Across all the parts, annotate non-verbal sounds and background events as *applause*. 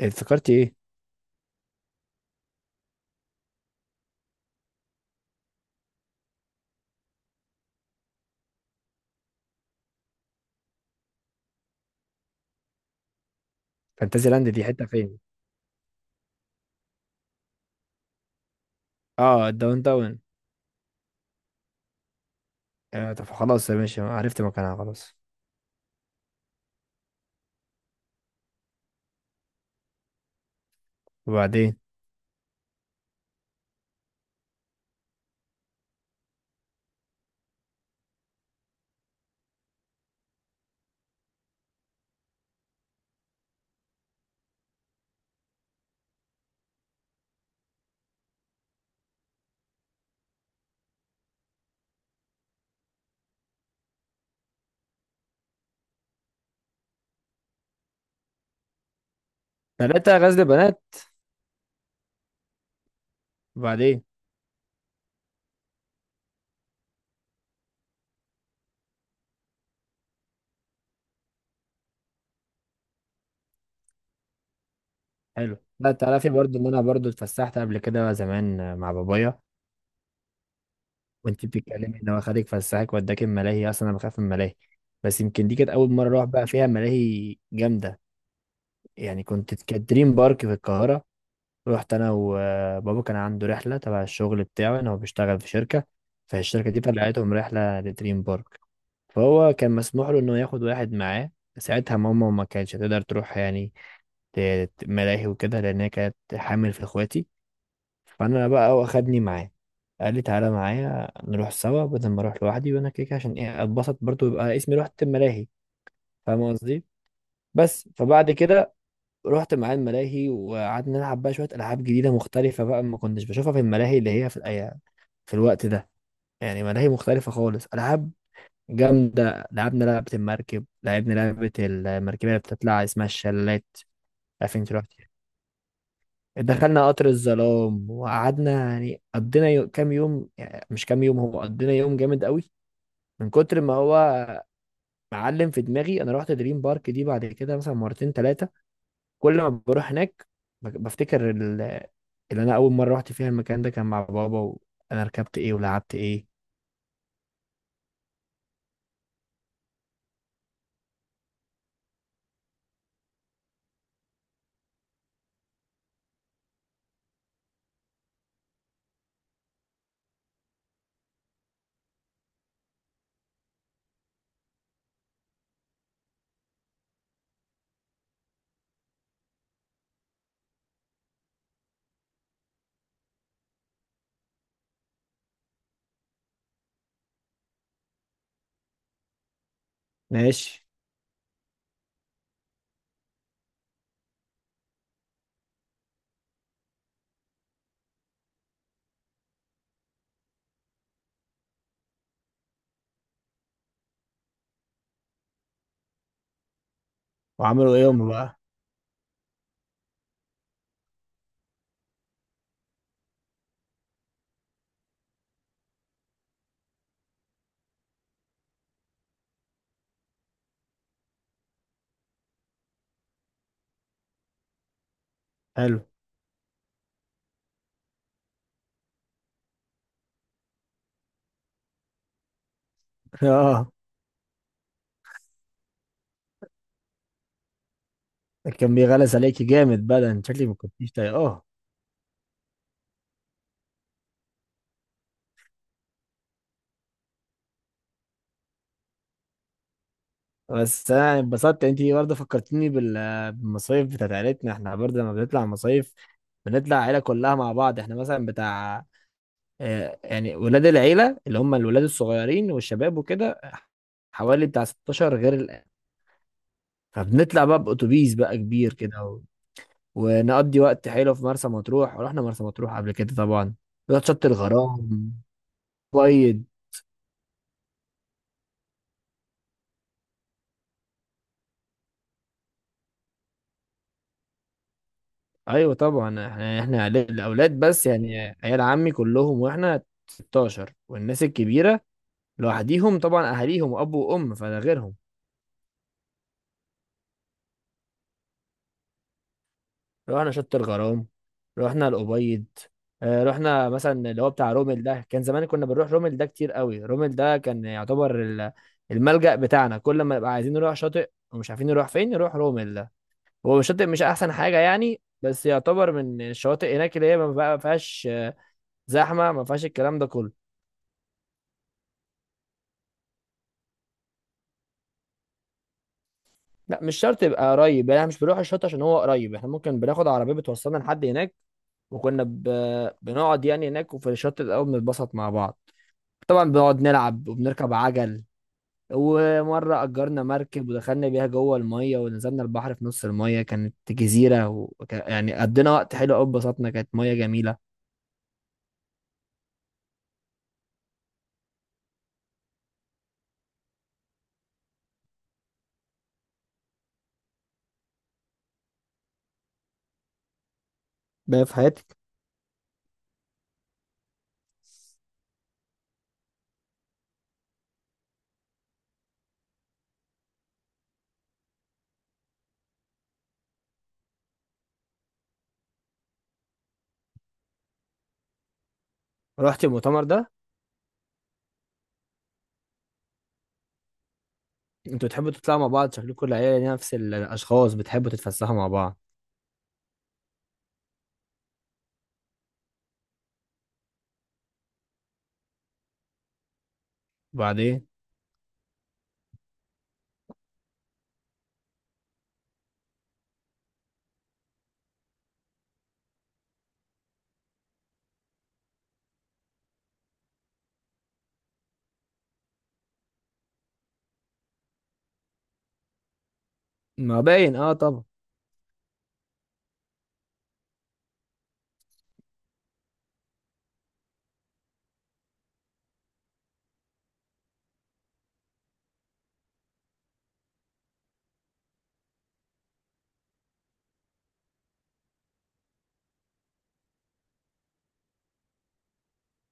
افتكرت ايه؟ فانتازي لاند دي حته فين؟ اه، الداون داون. آه طب خلاص يا باشا، عرفت مكانها خلاص. وبعدين؟ ثلاثة غزل بنات؟ وبعدين؟ حلو. لا تعرفي برضو ان انا برضو اتفسحت قبل كده زمان مع بابايا. وانت بتتكلمي ان هو خدك فسحك وداك الملاهي، اصلا انا بخاف من الملاهي، بس يمكن دي كانت اول مره اروح بقى فيها ملاهي جامده. يعني كانت دريم بارك في القاهره. رحت انا وبابا، كان عنده رحله تبع الشغل بتاعه، ان هو بيشتغل في شركه، فالشركه دي طلعتهم رحله لدريم بارك. فهو كان مسموح له انه ياخد واحد معاه. ساعتها ماما ما كانتش هتقدر تروح، يعني ملاهي وكده، لان هي كانت حامل في اخواتي. فانا بقى واخدني معاه، قال لي تعالى معايا نروح سوا بدل ما اروح لوحدي، وانا كده كده عشان ايه اتبسط برضو، يبقى اسمي رحت الملاهي. فاهم قصدي؟ بس فبعد كده رحت معاه الملاهي وقعدنا نلعب بقى شويه العاب جديده مختلفه بقى، ما كنتش بشوفها في الملاهي، اللي هي في في الوقت ده. يعني ملاهي مختلفه خالص، العاب جامدة. لعبنا لعبة المركب، لعبنا لعبة المركبية اللي بتطلع اسمها الشلالات. عارفين انت رحت؟ دخلنا قطر الظلام، وقعدنا يعني قضينا كام يوم، يعني مش كام يوم، هو قضينا يوم جامد قوي من كتر ما هو معلم في دماغي. انا رحت دريم بارك دي بعد كده مثلا مرتين ثلاثة، كل ما بروح هناك ب- بفتكر ال- اللي انا اول مرة رحت فيها المكان ده كان مع بابا، وانا ركبت ايه ولعبت ايه. ماشي. وعملوا ايه هم بقى؟ حلو. *laughs* اه. كان بيغلس عليكي جامد بقى ده، أنت شكلك ما كنتيش طايقاه، اه. بس انا انبسطت، انت برضه فكرتيني بالمصايف بتاعت عيلتنا. احنا برضه لما بنطلع مصايف بنطلع عيله كلها مع بعض. احنا مثلا بتاع يعني ولاد العيله، اللي هم الولاد الصغيرين والشباب وكده، حوالي بتاع 16 غير الآن. فبنطلع بقى بأتوبيس بقى كبير كده ونقضي وقت حلو في مرسى مطروح. ورحنا مرسى مطروح قبل كده طبعا، رحت شط الغرام، بيض. ايوه طبعا، احنا الاولاد بس يعني، عيال عمي كلهم واحنا 16، والناس الكبيره لوحديهم طبعا، اهاليهم اب وام، فده غيرهم. رحنا شط الغرام، رحنا الابيض. رحنا مثلا اللي هو بتاع رومل ده، كان زمان كنا بنروح رومل ده كتير قوي. رومل ده كان يعتبر الملجأ بتاعنا، كل ما نبقى عايزين نروح شاطئ ومش عارفين نروح فين نروح رومل ده. هو الشاطئ مش احسن حاجه يعني، بس يعتبر من الشواطئ هناك اللي هي ما فيهاش زحمه، ما فيهاش الكلام ده كله. لا مش شرط يبقى قريب، يعني احنا مش بنروح الشط عشان هو قريب، احنا ممكن بناخد عربيه بتوصلنا لحد هناك. وكنا ب... بنقعد يعني هناك، وفي الشط الاول بنتبسط مع بعض طبعا، بنقعد نلعب وبنركب عجل. ومره اجرنا مركب ودخلنا بيها جوه الميه، ونزلنا البحر في نص الميه، كانت جزيره، يعني قضينا وقت حلو قوي، اتبسطنا، كانت ميه جميله. بقى في حياتك. رحت المؤتمر ده؟ انتوا بتحبوا تطلعوا مع بعض، شكلكم العيله نفس الاشخاص بتحبوا تتفسحوا مع بعض. وبعدين؟ ما باين، اه طبعا.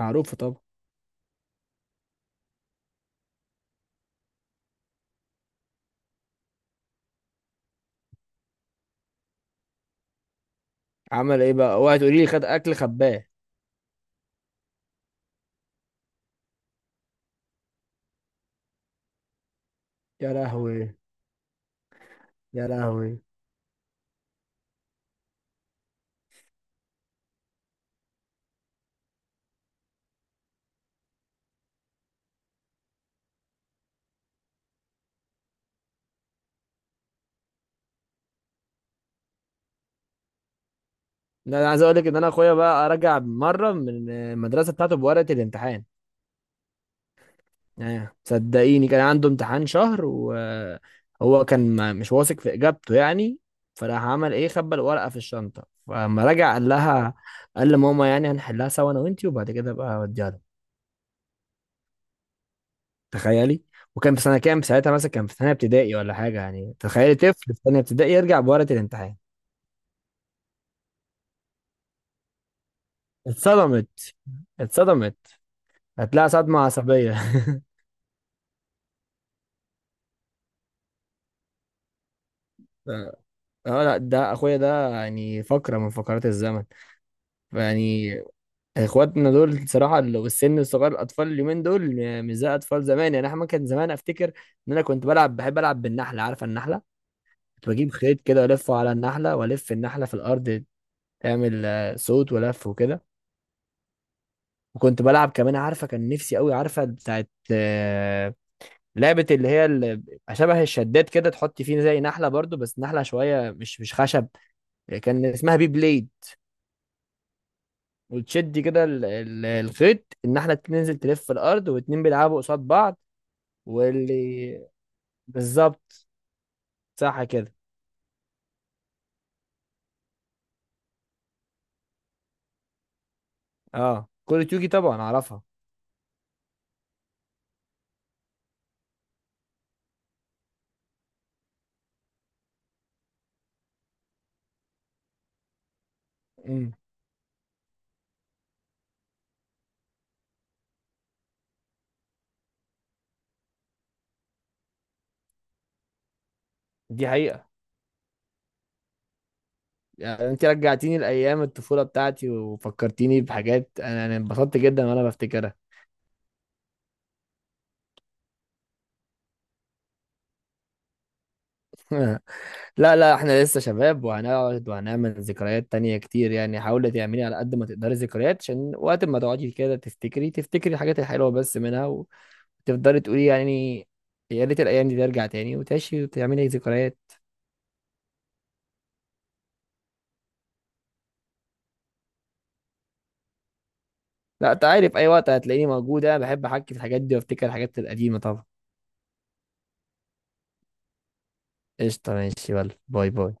معروفه طبعا. عمل ايه بقى؟ اوعي تقولي لي خد اكل خباه. يا لهوي. يا لهوي. لا انا عايز اقول لك ان انا اخويا بقى رجع مره من المدرسه بتاعته بورقه الامتحان، يعني صدقيني كان عنده امتحان شهر، وهو كان مش واثق في اجابته يعني. فراح عمل ايه، خبى الورقه في الشنطه، فلما رجع قال لها، قال لماما يعني هنحلها سوا انا وانتي، وبعد كده بقى اوديها له. تخيلي. وكان في سنه كام ساعتها، مثلا كان في ثانيه ابتدائي ولا حاجه، يعني تخيلي طفل في ثانيه ابتدائي يرجع بورقه الامتحان. اتصدمت. اتصدمت. هتلاقي صدمة عصبية. *laughs* اه لا، ده اخويا ده يعني فقرة من فقرات الزمن. يعني اخواتنا دول صراحة والسن الصغير، الاطفال اليومين دول مش زي اطفال زمان. يعني احنا كان زمان، افتكر ان انا كنت بلعب، بحب العب بالنحلة، عارفة النحلة؟ كنت بجيب خيط كده والفه على النحلة والف النحلة في الارض، تعمل صوت ولف وكده. وكنت بلعب كمان، عارفة كان نفسي قوي، عارفة بتاعت لعبة شبه الشداد كده، تحط فيه زي نحلة برضو، بس نحلة شوية مش خشب. كان اسمها بي بليد. وتشد كده الخيط، النحلة تنزل تلف في الأرض، واتنين بيلعبوا قصاد بعض. واللي بالظبط، صح كده. اه، كل يوجي طبعا، أعرفها. امم. دي حقيقة. يعني انت رجعتيني لأيام الطفولة بتاعتي وفكرتيني بحاجات، انا انبسطت جدا وانا بفتكرها. *laughs* لا لا، احنا لسه شباب وهنقعد وهنعمل ذكريات تانية كتير. يعني حاولي تعملي على قد ما تقدري ذكريات، عشان وقت ما تقعدي كده تفتكري الحاجات الحلوة بس منها، وتفضلي تقولي يعني يا ريت الأيام دي ترجع تاني، وتعيشي وتعملي ذكريات. لا انت عارف، أي وقت هتلاقيني موجودة، بحب أحكي في الحاجات دي وأفتكر الحاجات القديمة طبعا. قشطة ماشي، يلا باي باي.